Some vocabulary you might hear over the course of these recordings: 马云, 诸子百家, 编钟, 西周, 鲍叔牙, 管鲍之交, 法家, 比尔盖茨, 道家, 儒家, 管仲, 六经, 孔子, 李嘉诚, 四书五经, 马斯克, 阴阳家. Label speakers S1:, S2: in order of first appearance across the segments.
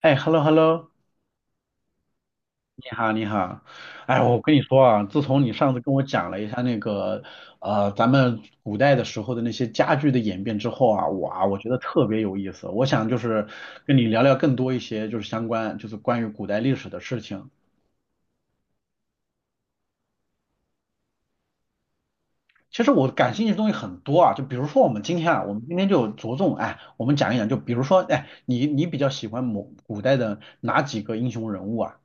S1: 哎，hello hello，你好你好，哎，我跟你说啊，自从你上次跟我讲了一下那个咱们古代的时候的那些家具的演变之后啊，哇，我觉得特别有意思，我想就是跟你聊聊更多一些就是相关就是关于古代历史的事情。其实我感兴趣的东西很多啊，就比如说我们今天就着重哎，我们讲一讲，就比如说哎，你比较喜欢某古代的哪几个英雄人物啊？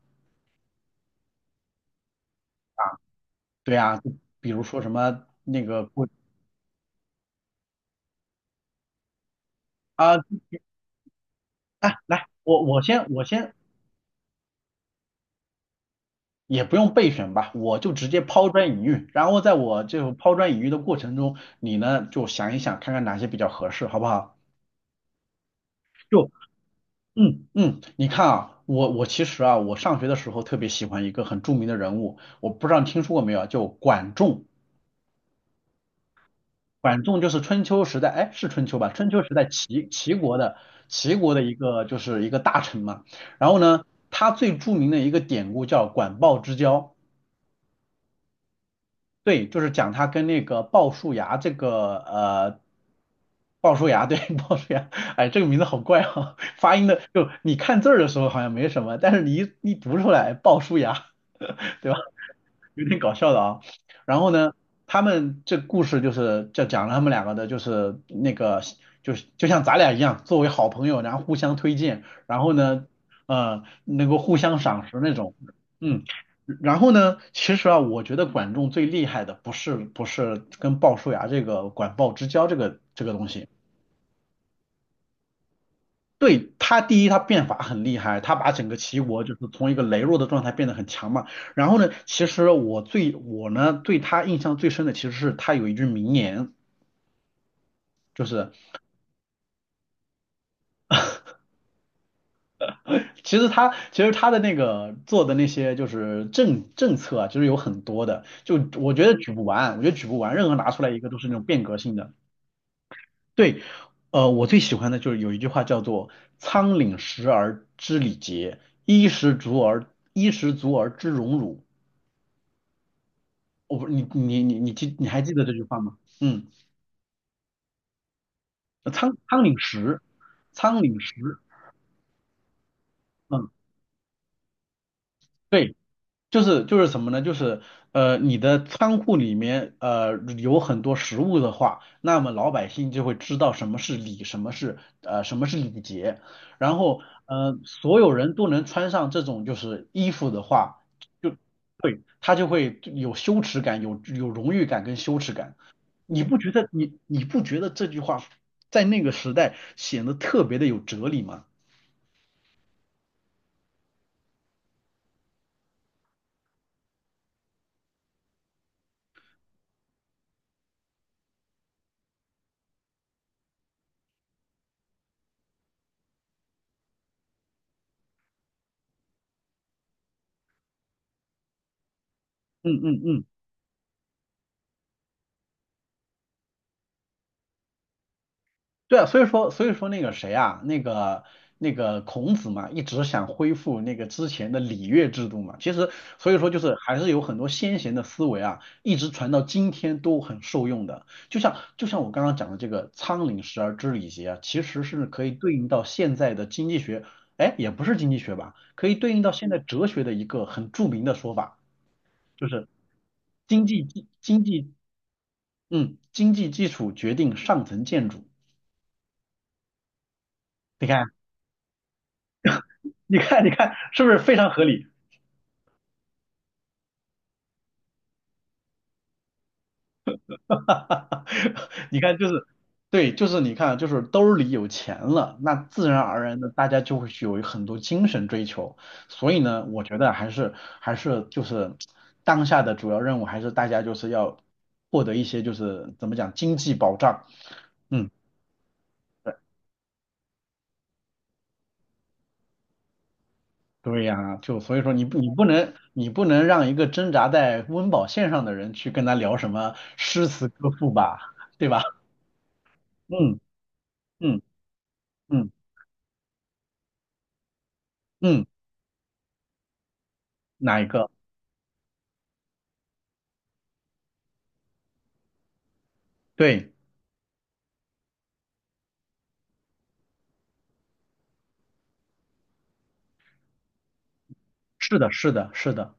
S1: 对啊，就比如说什么那个不。哎，来，我先也不用备选吧，我就直接抛砖引玉，然后在我这种抛砖引玉的过程中，你呢就想一想，看看哪些比较合适，好不好？就嗯嗯，你看啊，我其实啊，我上学的时候特别喜欢一个很著名的人物，我不知道你听说过没有啊，就管仲。管仲就是春秋时代，哎，是春秋吧？春秋时代齐国的一个就是一个大臣嘛。然后呢，他最著名的一个典故叫管鲍之交。对，就是讲他跟那个鲍叔牙这个鲍叔牙对 鲍叔牙，哎，这个名字好怪啊，发音的就你看字儿的时候好像没什么，但是你一读出来鲍叔牙，对吧？有点搞笑的啊。然后呢，他们这故事就是就讲了他们两个的，就是那个就是就像咱俩一样，作为好朋友，然后互相推荐，然后呢，能够互相赏识那种，嗯。然后呢，其实啊，我觉得管仲最厉害的不是跟鲍叔牙这个管鲍之交这个东西，对，他第一，他变法很厉害，他把整个齐国就是从一个羸弱的状态变得很强嘛。然后呢，其实我呢对他印象最深的其实是他有一句名言，就是其实他的那个做的那些就是政策啊，其实有很多的，就我觉得举不完，我觉得举不完，任何拿出来一个都是那种变革性的。对，我最喜欢的就是有一句话叫做"仓廪实而知礼节，衣食足而衣食足而知荣辱"。我不，你还记得这句话吗？嗯，呃仓仓廪实，仓廪实，嗯，对，就是什么呢？就是你的仓库里面有很多食物的话，那么老百姓就会知道什么是礼，什么是礼节，然后所有人都能穿上这种就是衣服的话，就对他就会有羞耻感，有荣誉感跟羞耻感。你不觉得这句话在那个时代显得特别的有哲理吗？嗯嗯嗯。对啊，所以说那个谁啊，那个孔子嘛，一直想恢复那个之前的礼乐制度嘛。其实所以说就是还是有很多先贤的思维啊，一直传到今天都很受用的。就像我刚刚讲的这个"仓廪实而知礼节"啊，其实是可以对应到现在的经济学，哎，也不是经济学吧，可以对应到现在哲学的一个很著名的说法，就是经济基经济经济基础决定上层建筑。你看。你看，是不是非常合理？你看，就是，对，就是你看，就是兜里有钱了，那自然而然的大家就会去有很多精神追求。所以呢，我觉得还是就是当下的主要任务，还是大家就是要获得一些就是怎么讲经济保障。嗯，对呀，就所以说你不能让一个挣扎在温饱线上的人去跟他聊什么诗词歌赋吧，对吧？嗯嗯嗯。嗯嗯哪一个？对，是的，是的，是的，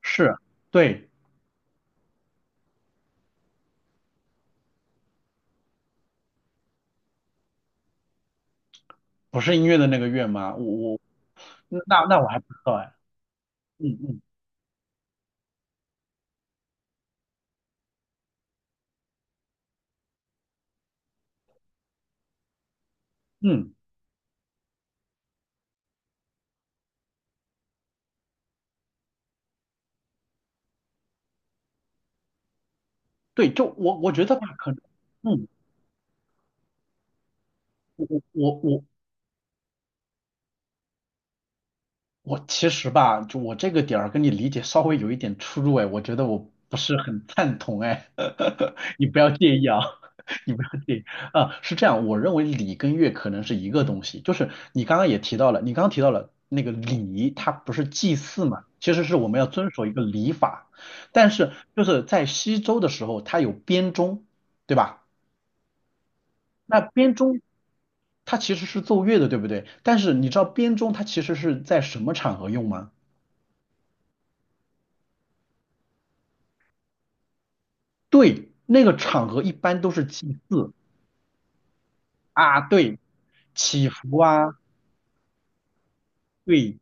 S1: 是，对，不是音乐的那个乐吗？我那我还不知道哎，嗯嗯嗯，对，就我觉得吧，可能，嗯，我我我我我其实吧，就我这个点儿跟你理解稍微有一点出入哎，我觉得我不是很赞同哎，你不要介意啊，你不要介意啊，是这样，我认为礼跟乐可能是一个东西，就是你刚刚也提到了，你刚刚提到了那个礼，它不是祭祀嘛，其实是我们要遵守一个礼法，但是就是在西周的时候，它有编钟，对吧？那编钟它其实是奏乐的，对不对？但是你知道编钟它其实是在什么场合用吗？对，那个场合一般都是祭祀啊，对，祈福啊，对，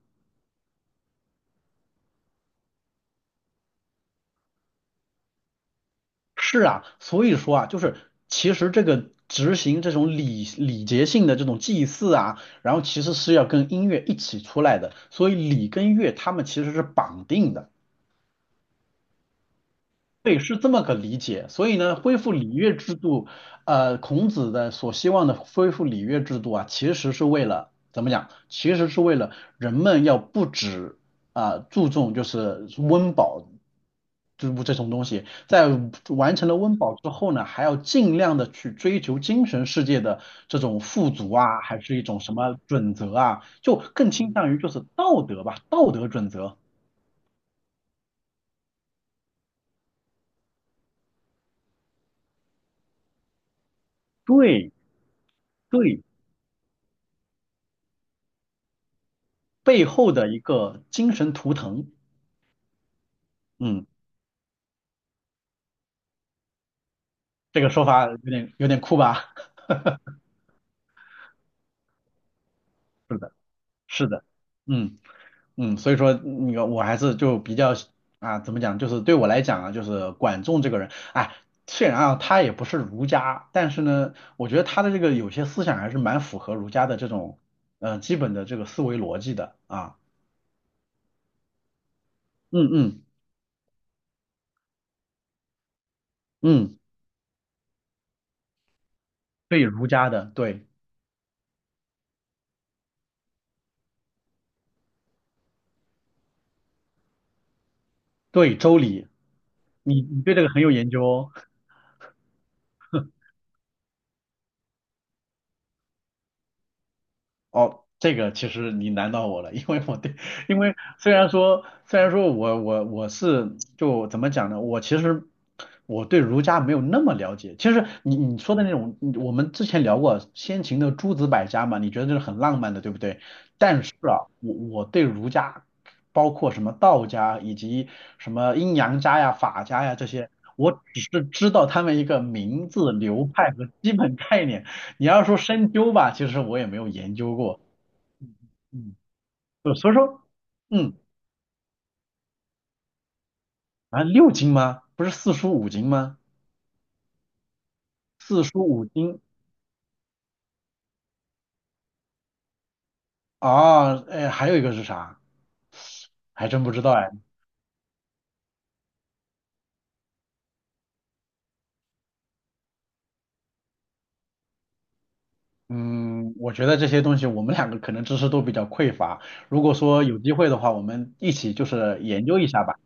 S1: 是啊，所以说啊，就是其实这个执行这种礼节性的这种祭祀啊，然后其实是要跟音乐一起出来的，所以礼跟乐他们其实是绑定的。对，是这么个理解。所以呢，恢复礼乐制度，孔子的所希望的恢复礼乐制度啊，其实是为了怎么讲？其实是为了人们要不止啊、注重就是温饱就是这种东西，在完成了温饱之后呢，还要尽量的去追求精神世界的这种富足啊，还是一种什么准则啊，就更倾向于就是道德吧，道德准则。对对。背后的一个精神图腾。嗯，这个说法有点酷吧？是的，是的，嗯嗯，所以说那个我还是就比较啊，怎么讲，就是对我来讲啊，就是管仲这个人，哎，虽然啊他也不是儒家，但是呢，我觉得他的这个有些思想还是蛮符合儒家的这种基本的这个思维逻辑的啊。嗯嗯嗯，对儒家的，对对周礼，你对这个很有研究哦。哦，这个其实你难到我了，因为我对，因为虽然说我是就怎么讲呢，我其实我对儒家没有那么了解。其实你说的那种，你我们之前聊过先秦的诸子百家嘛，你觉得这是很浪漫的，对不对？但是啊，我对儒家，包括什么道家以及什么阴阳家呀、法家呀这些，我只是知道他们一个名字、流派和基本概念。你要说深究吧，其实我也没有研究过。嗯，就所以说，嗯，啊，六经吗？不是四书五经吗？四书五经啊，哎，还有一个是啥？还真不知道哎。嗯，我觉得这些东西我们两个可能知识都比较匮乏。如果说有机会的话，我们一起就是研究一下吧。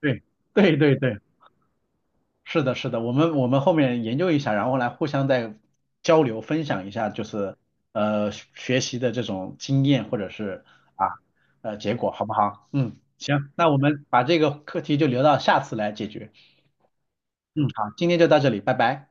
S1: 对，对对对。是的，是的，我们后面研究一下，然后来互相再交流分享一下，就是学习的这种经验或者是啊结果，好不好？嗯，行，那我们把这个课题就留到下次来解决。嗯，好，今天就到这里，拜拜。